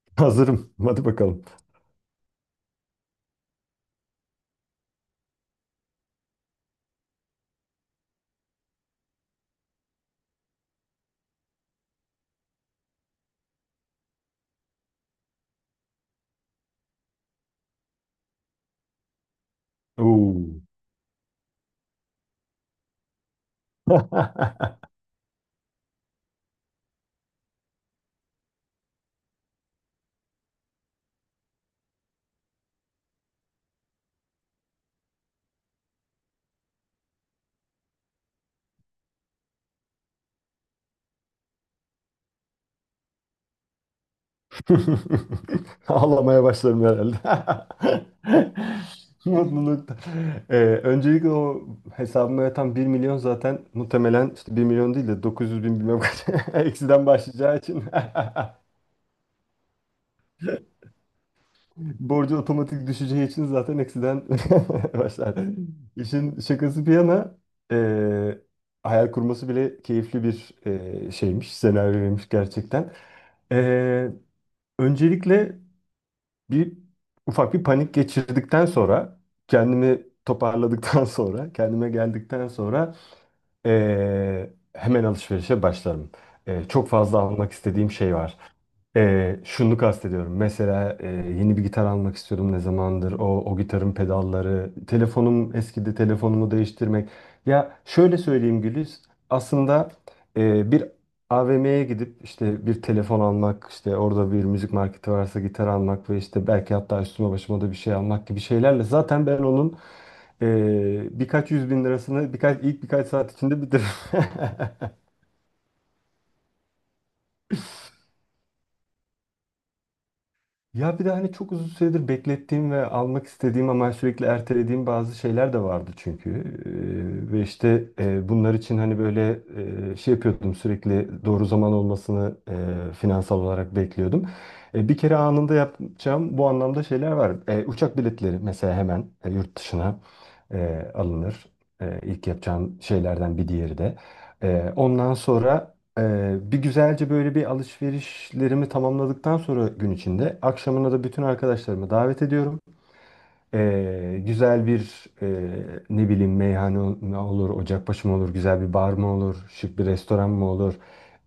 Hazırım. Hadi bakalım. Oo. Ağlamaya başlarım herhalde. Mutluluktan. Öncelikle o hesabıma yatan 1 milyon zaten muhtemelen işte 1 milyon değil de 900 bin bilmem kaç, eksiden başlayacağı için, borcu otomatik düşeceği için zaten eksiden başlar. İşin şakası bir yana, ee, hayal kurması bile keyifli bir şeymiş, senaryoymuş gerçekten. Ee, Öncelikle bir ufak bir panik geçirdikten sonra, kendimi toparladıktan sonra, kendime geldikten sonra hemen alışverişe başlarım. Çok fazla almak istediğim şey var. Şunu kastediyorum. Mesela yeni bir gitar almak istiyordum ne zamandır. O gitarın pedalları, telefonum eskidi, telefonumu değiştirmek. Ya şöyle söyleyeyim Güliz. Aslında bir AVM'ye gidip işte bir telefon almak, işte orada bir müzik marketi varsa gitar almak ve işte belki hatta üstüme başıma da bir şey almak gibi şeylerle zaten ben onun birkaç yüz bin lirasını ilk birkaç saat içinde bitiririm. Ya bir de hani çok uzun süredir beklettiğim ve almak istediğim ama sürekli ertelediğim bazı şeyler de vardı çünkü. Ve işte bunlar için hani böyle şey yapıyordum, sürekli doğru zaman olmasını finansal olarak bekliyordum. Bir kere anında yapacağım bu anlamda şeyler var. Uçak biletleri mesela, hemen yurt dışına alınır. İlk yapacağım şeylerden bir diğeri de. Ondan sonra bir güzelce böyle bir alışverişlerimi tamamladıktan sonra, gün içinde akşamına da bütün arkadaşlarımı davet ediyorum. Güzel bir, ne bileyim, meyhane olur, ocakbaşı mı olur, güzel bir bar mı olur, şık bir restoran mı olur,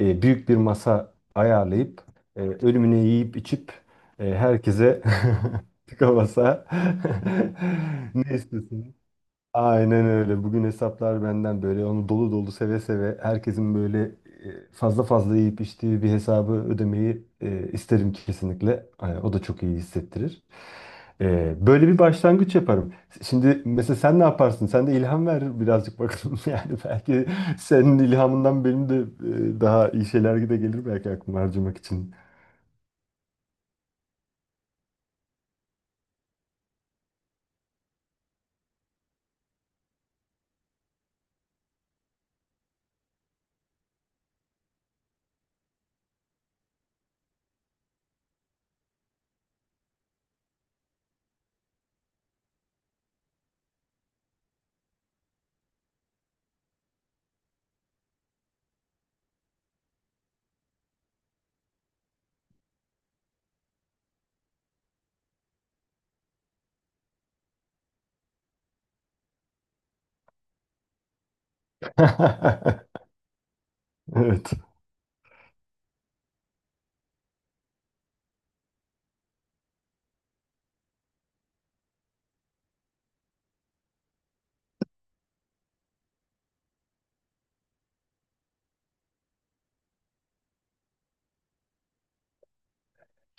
Büyük bir masa ayarlayıp ölümüne yiyip içip herkese tıka basa ne istiyorsun? Aynen öyle. Bugün hesaplar benden, böyle onu dolu dolu, seve seve, herkesin böyle fazla fazla yiyip içtiği bir hesabı ödemeyi isterim kesinlikle. Hani o da çok iyi hissettirir. Böyle bir başlangıç yaparım. Şimdi mesela sen ne yaparsın? Sen de ilham ver birazcık bakalım. Yani belki senin ilhamından benim de daha iyi şeyler de gelir belki aklıma harcamak için. Evet.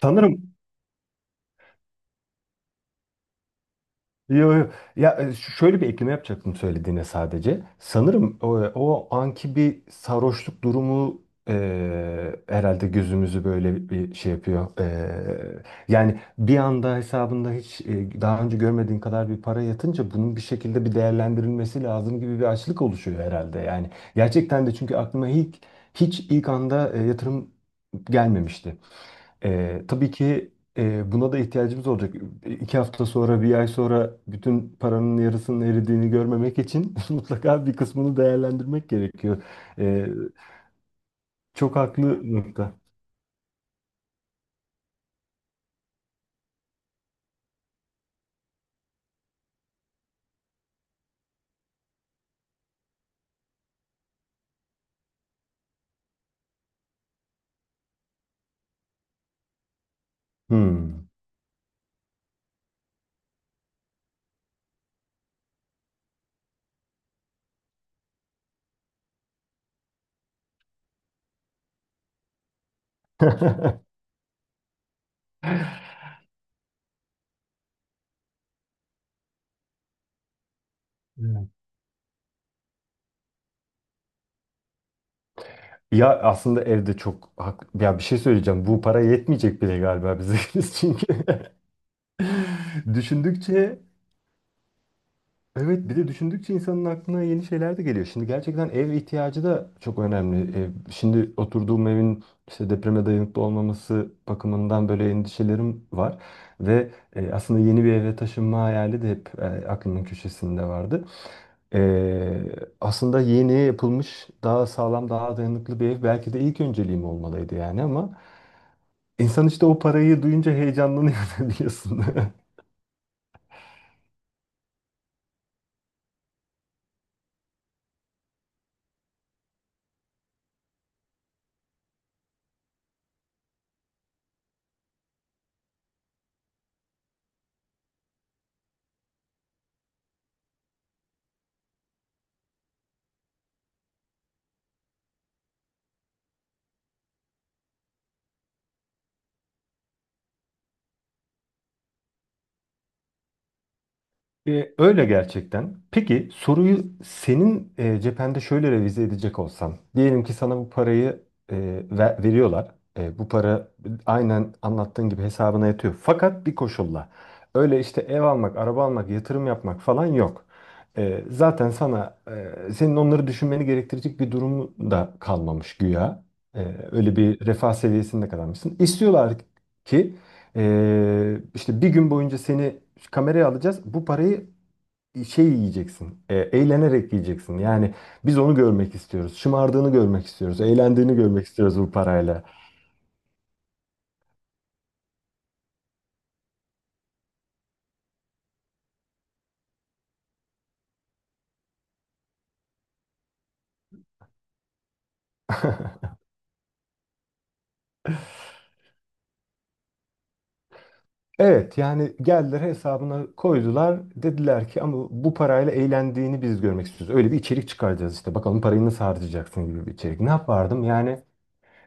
Sanırım. Yo, yo. Ya şöyle bir ekleme yapacaktım söylediğine sadece. Sanırım o anki bir sarhoşluk durumu herhalde gözümüzü böyle bir şey yapıyor. Yani bir anda hesabında hiç daha önce görmediğin kadar bir para yatınca, bunun bir şekilde bir değerlendirilmesi lazım gibi bir açlık oluşuyor herhalde. Yani gerçekten de çünkü aklıma hiç ilk anda yatırım gelmemişti. Tabii ki buna da ihtiyacımız olacak. 2 hafta sonra, bir ay sonra bütün paranın yarısının eridiğini görmemek için mutlaka bir kısmını değerlendirmek gerekiyor. Ee, Çok haklı nokta. Hmm. Evet. Ya aslında evde çok haklı. Ya bir şey söyleyeceğim. Bu para yetmeyecek bile galiba bize. Çünkü düşündükçe, evet, bir de düşündükçe insanın aklına yeni şeyler de geliyor. Şimdi gerçekten ev ihtiyacı da çok önemli. Ev, şimdi oturduğum evin işte depreme dayanıklı olmaması bakımından böyle endişelerim var. Ve aslında yeni bir eve taşınma hayali de hep aklımın köşesinde vardı. E, Aslında yeni yapılmış, daha sağlam, daha dayanıklı bir ev belki de ilk önceliğim olmalıydı yani, ama insan işte o parayı duyunca heyecanlanıyor biliyorsun. Öyle gerçekten. Peki soruyu senin cephende şöyle revize edecek olsam. Diyelim ki sana bu parayı e, veriyorlar. Bu para aynen anlattığın gibi hesabına yatıyor. Fakat bir koşulla. Öyle işte ev almak, araba almak, yatırım yapmak falan yok. Zaten sana senin onları düşünmeni gerektirecek bir durumu da kalmamış güya. E, Öyle bir refah seviyesinde kalmışsın. İstiyorlar ki işte bir gün boyunca seni kameraya alacağız. Bu parayı şey yiyeceksin, eğlenerek yiyeceksin. Yani biz onu görmek istiyoruz. Şımardığını görmek istiyoruz. Eğlendiğini görmek istiyoruz bu parayla. Evet, yani geldiler hesabına koydular. Dediler ki ama bu parayla eğlendiğini biz görmek istiyoruz. Öyle bir içerik çıkaracağız işte. Bakalım parayı nasıl harcayacaksın gibi bir içerik. Ne yapardım? Yani,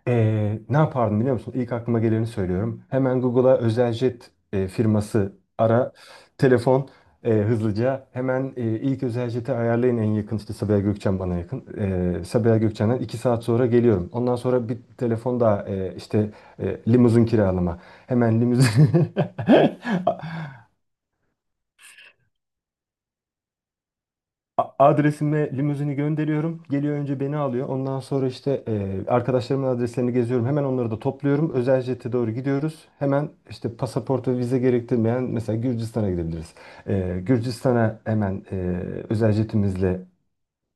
Ne yapardım biliyor musun? İlk aklıma geleni söylüyorum. Hemen Google'a özel jet firması ara. Telefon hızlıca. Hemen ilk özel jeti ayarlayın en yakın. İşte Sabiha Gökçen bana yakın. Sabiha Gökçen'den 2 saat sonra geliyorum. Ondan sonra bir telefon daha, işte limuzin kiralama. Hemen limuzin. Adresime limuzini gönderiyorum. Geliyor, önce beni alıyor. Ondan sonra işte arkadaşlarımın adreslerini geziyorum. Hemen onları da topluyorum. Özel jete doğru gidiyoruz. Hemen işte pasaport ve vize gerektirmeyen, mesela Gürcistan'a gidebiliriz. Gürcistan'a hemen özel jetimizle.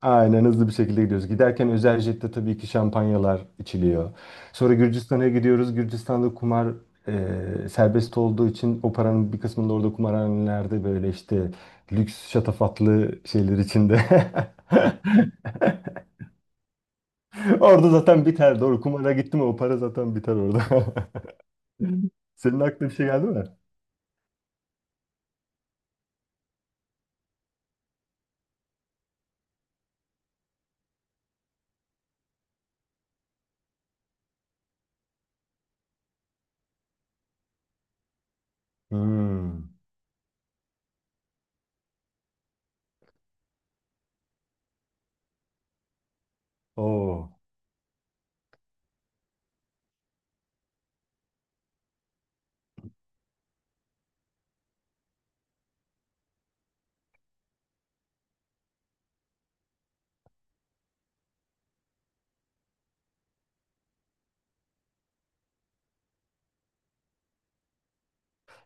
Aynen, hızlı bir şekilde gidiyoruz. Giderken özel jette tabii ki şampanyalar içiliyor. Sonra Gürcistan'a gidiyoruz. Gürcistan'da kumar serbest olduğu için, o paranın bir kısmını da orada kumarhanelerde böyle işte lüks şatafatlı şeyler içinde. Orada zaten biter. Doğru, kumara gitti mi o para zaten biter orada. Senin aklına bir şey geldi mi? Hmm. Oo.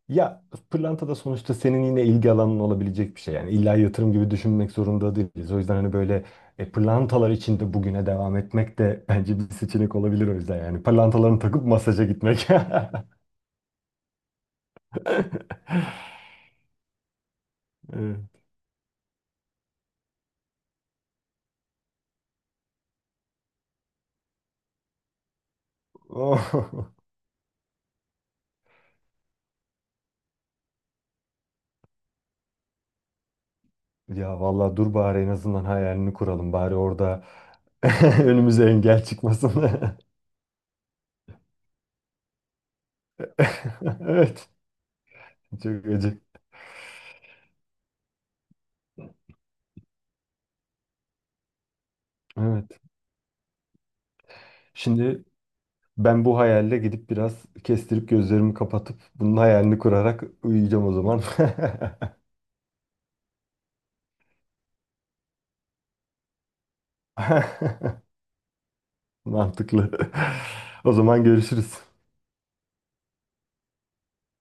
Ya pırlanta da sonuçta senin yine ilgi alanın olabilecek bir şey. Yani illa yatırım gibi düşünmek zorunda değiliz. O yüzden hani böyle pırlantalar içinde bugüne devam etmek de bence bir seçenek olabilir o yüzden. Yani pırlantalarını takıp masaja gitmek. Evet. Oh. Ya vallahi dur, bari en azından hayalini kuralım. Bari orada önümüze engel çıkmasın. Evet. Çok acı. Evet. Şimdi ben bu hayalle gidip biraz kestirip gözlerimi kapatıp bunun hayalini kurarak uyuyacağım o zaman. Mantıklı. O zaman görüşürüz.